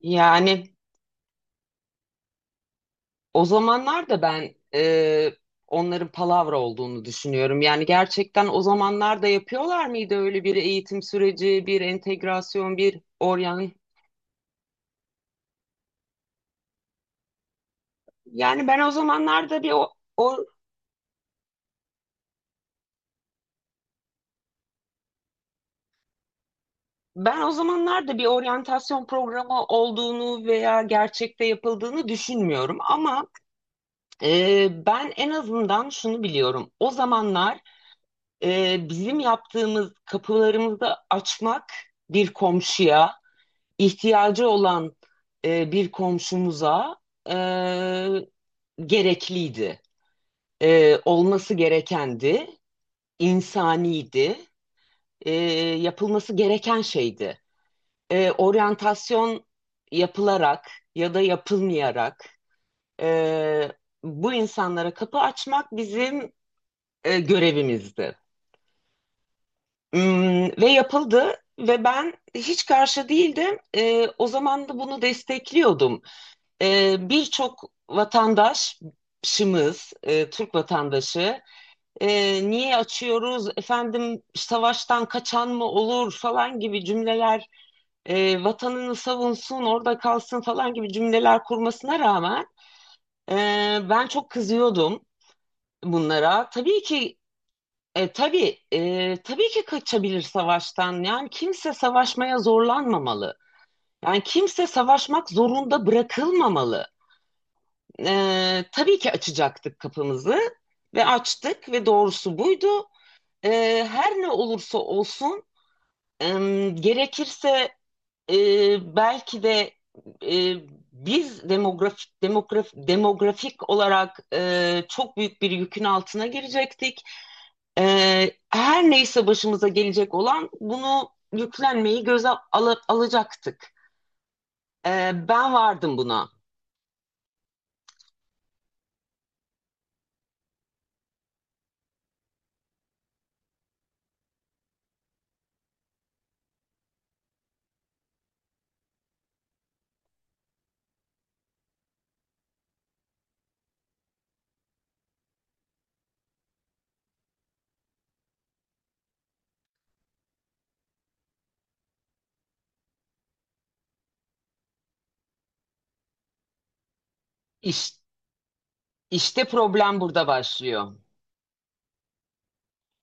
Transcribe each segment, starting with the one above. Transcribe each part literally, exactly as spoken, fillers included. Yani o zamanlar da ben e, onların palavra olduğunu düşünüyorum. Yani gerçekten o zamanlar da yapıyorlar mıydı öyle bir eğitim süreci, bir entegrasyon, bir oryan? Yani ben o zamanlarda bir o, o- ben o zamanlarda bir oryantasyon programı olduğunu veya gerçekte yapıldığını düşünmüyorum. Ama e, ben en azından şunu biliyorum. O zamanlar e, bizim yaptığımız kapılarımızı açmak bir komşuya, ihtiyacı olan e, bir komşumuza e, gerekliydi. E, olması gerekendi, insaniydi, e, yapılması gereken şeydi. E, oryantasyon yapılarak ya da yapılmayarak e, bu insanlara kapı açmak bizim e, görevimizdi. Hmm, ve yapıldı ve ben hiç karşı değildim. E, o zaman da bunu destekliyordum. E, birçok vatandaşımız, e, Türk vatandaşı e, niye açıyoruz, efendim savaştan kaçan mı olur falan gibi cümleler, e, vatanını savunsun, orada kalsın falan gibi cümleler kurmasına rağmen e, ben çok kızıyordum bunlara. Tabii ki e, tabii e, tabii ki kaçabilir savaştan. Yani kimse savaşmaya zorlanmamalı. Yani kimse savaşmak zorunda bırakılmamalı. Ee, tabii ki açacaktık kapımızı ve açtık ve doğrusu buydu. Ee, her ne olursa olsun, em, gerekirse, e, belki de, e, biz demografik demograf, demografik olarak e, çok büyük bir yükün altına girecektik. Ee, her neyse başımıza gelecek olan bunu yüklenmeyi göze ala- alacaktık. Ee, ben vardım buna. İş, işte problem burada başlıyor.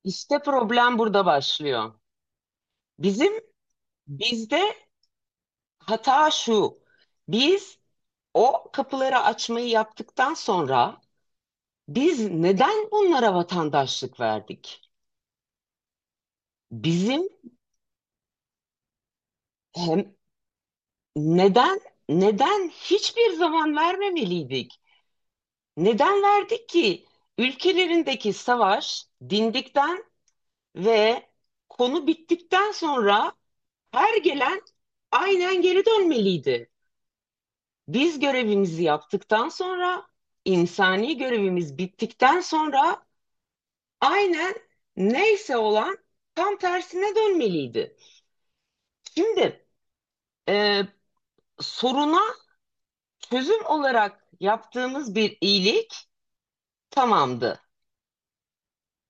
İşte problem burada başlıyor. Bizim bizde hata şu. Biz o kapıları açmayı yaptıktan sonra biz neden bunlara vatandaşlık verdik? Bizim hem neden neden hiçbir zaman vermemeliydik? Neden verdik ki? Ülkelerindeki savaş dindikten ve konu bittikten sonra her gelen aynen geri dönmeliydi. Biz görevimizi yaptıktan sonra, insani görevimiz bittikten sonra aynen neyse olan tam tersine dönmeliydi. Şimdi e, soruna çözüm olarak yaptığımız bir iyilik tamamdı.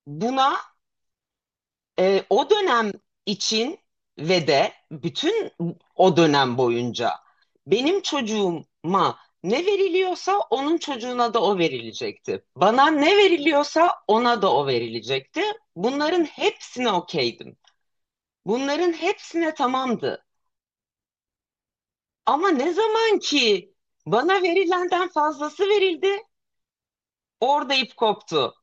Buna Ee, o dönem için ve de bütün o dönem boyunca benim çocuğuma ne veriliyorsa onun çocuğuna da o verilecekti. Bana ne veriliyorsa ona da o verilecekti. Bunların hepsine okeydim. Bunların hepsine tamamdı. Ama ne zaman ki bana verilenden fazlası verildi, orada ip koptu.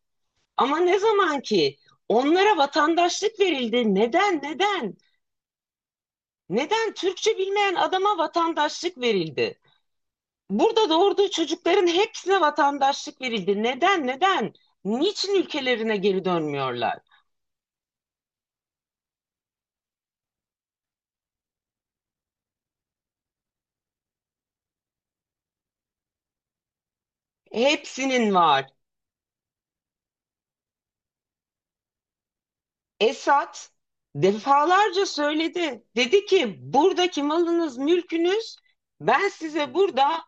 Ama ne zaman ki onlara vatandaşlık verildi, neden neden? Neden Türkçe bilmeyen adama vatandaşlık verildi? Burada doğurduğu çocukların hepsine vatandaşlık verildi. Neden? Neden? Niçin ülkelerine geri dönmüyorlar? Hepsinin var. Esad defalarca söyledi. Dedi ki buradaki malınız, mülkünüz ben size burada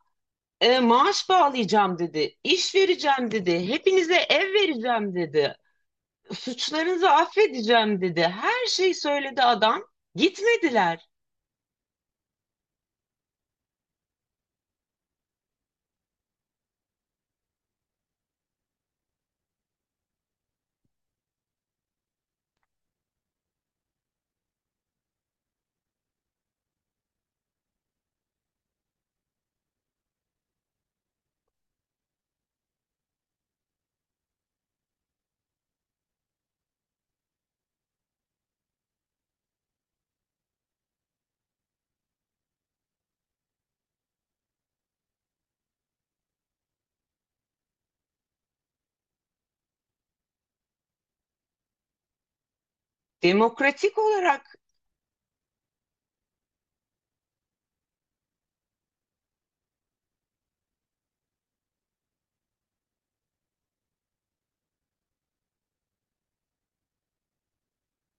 e, maaş bağlayacağım dedi. İş vereceğim dedi. Hepinize ev vereceğim dedi. Suçlarınızı affedeceğim dedi. Her şeyi söyledi adam. Gitmediler. Demokratik olarak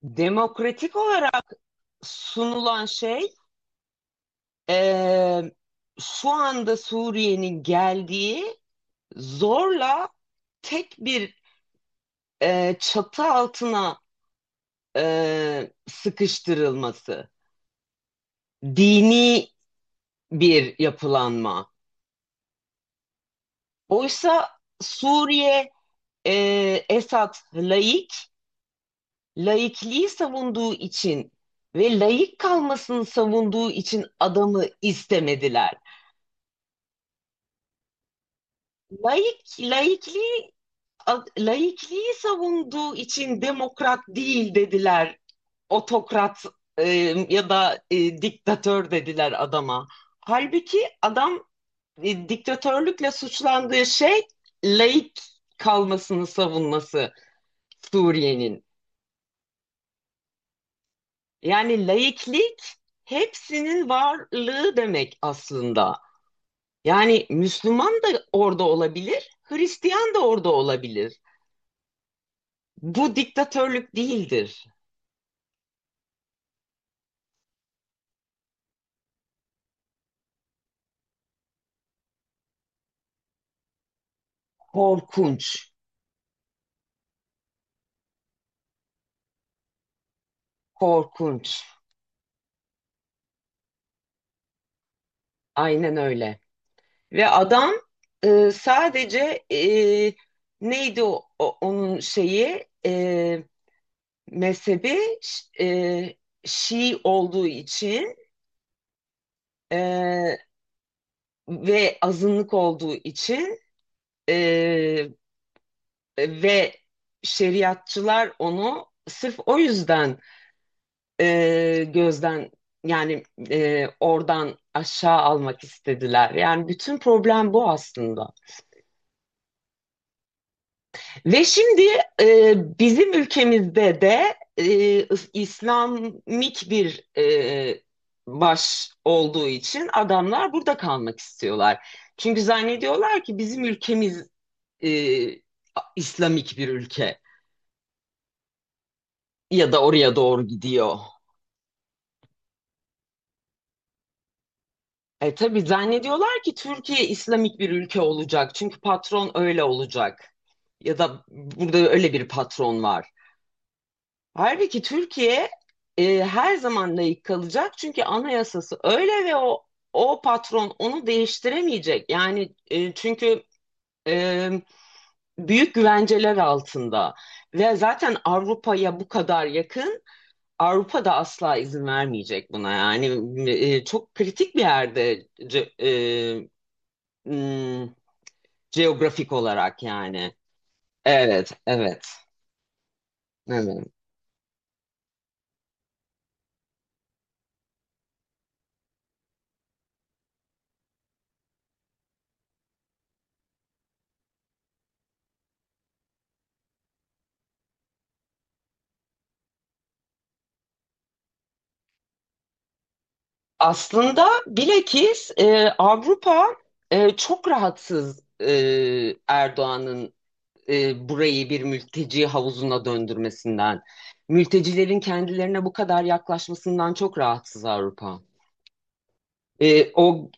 demokratik olarak sunulan şey eee, şu anda Suriye'nin geldiği zorla tek bir eee, çatı altına eee, sıkıştırılması. Dini bir yapılanma. Oysa Suriye eee Esad laik, laikliği savunduğu için ve laik kalmasını savunduğu için adamı istemediler. Laik, laikliği, a- laikliği savunduğu için demokrat değil dediler. Otokrat e, ya da e, diktatör dediler adama. Halbuki adam e, diktatörlükle suçlandığı şey laik kalmasını savunması Suriye'nin. Yani laiklik hepsinin varlığı demek aslında. Yani Müslüman da orada olabilir, Hristiyan da orada olabilir. Bu diktatörlük değildir. Korkunç, korkunç. Aynen öyle. Ve adam e, sadece e, neydi o, o- onun şeyi e, mezhebi ş- e, Şii olduğu için, e, ve azınlık olduğu için, e, ve şeriatçılar onu sırf o yüzden e, gözden, yani e, oradan aşağı almak istediler. Yani bütün problem bu aslında. Ve şimdi e, bizim ülkemizde de e, İslamik bir e, baş olduğu için adamlar burada kalmak istiyorlar. Çünkü zannediyorlar ki bizim ülkemiz e, İslamik bir ülke ya da oraya doğru gidiyor. E tabii zannediyorlar ki Türkiye İslamik bir ülke olacak. Çünkü patron öyle olacak. Ya da burada öyle bir patron var. Halbuki Türkiye e, her zaman layık kalacak. Çünkü anayasası öyle ve o o patron onu değiştiremeyecek. Yani e, çünkü e, büyük güvenceler altında ve zaten Avrupa'ya bu kadar yakın. Avrupa da asla izin vermeyecek buna. Yani e, çok kritik bir yerde c- Hmm, geografik olarak yani. Evet, evet, evet. Aslında bilakis e, Avrupa e, çok rahatsız, e, Erdoğan'ın e, burayı bir mülteci havuzuna döndürmesinden. Mültecilerin kendilerine bu kadar yaklaşmasından çok rahatsız Avrupa. E, o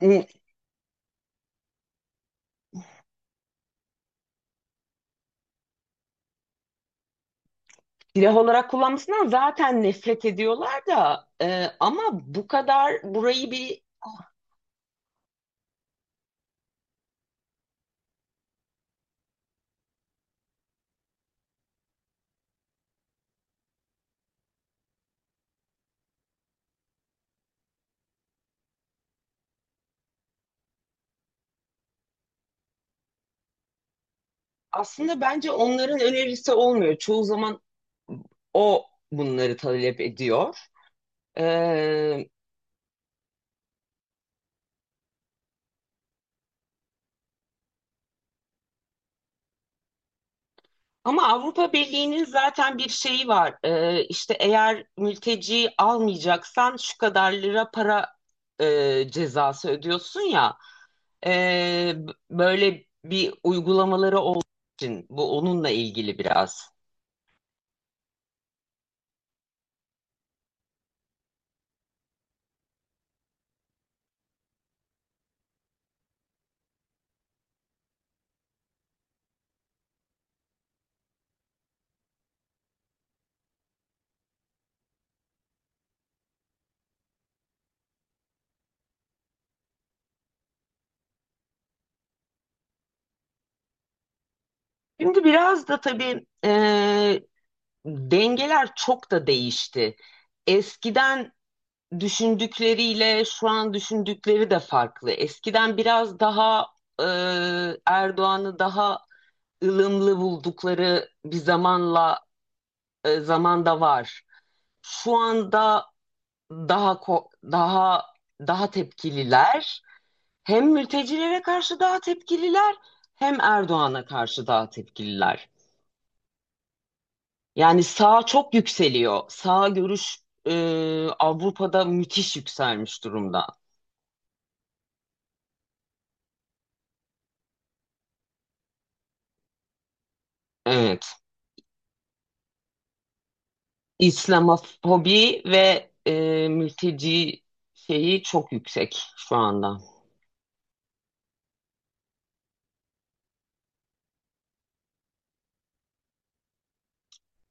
m, silah olarak kullanmasından zaten nefret ediyorlar da e, ama bu kadar burayı bir aslında bence onların önerisi olmuyor. Çoğu zaman o bunları talep ediyor. Ee, ama Avrupa Birliği'nin zaten bir şeyi var. Ee, işte eğer mülteci almayacaksan şu kadar lira para e, cezası ödüyorsun ya. Ee, böyle bir uygulamaları olduğu için bu onunla ilgili biraz. Şimdi biraz da tabii e, dengeler çok da değişti. Eskiden düşündükleriyle şu an düşündükleri de farklı. Eskiden biraz daha e, Erdoğan'ı daha ılımlı buldukları bir zamanla e, zamanda var. Şu anda daha ko- daha daha tepkililer. Hem mültecilere karşı daha tepkililer, hem Erdoğan'a karşı daha tepkililer. Yani sağ çok yükseliyor. Sağ görüş e, Avrupa'da müthiş yükselmiş durumda. Evet. İslamofobi ve e, mülteci şeyi çok yüksek şu anda.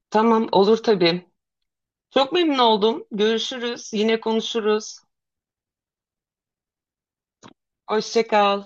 Tamam, olur tabii. Çok memnun oldum. Görüşürüz. Yine konuşuruz. Hoşça kal.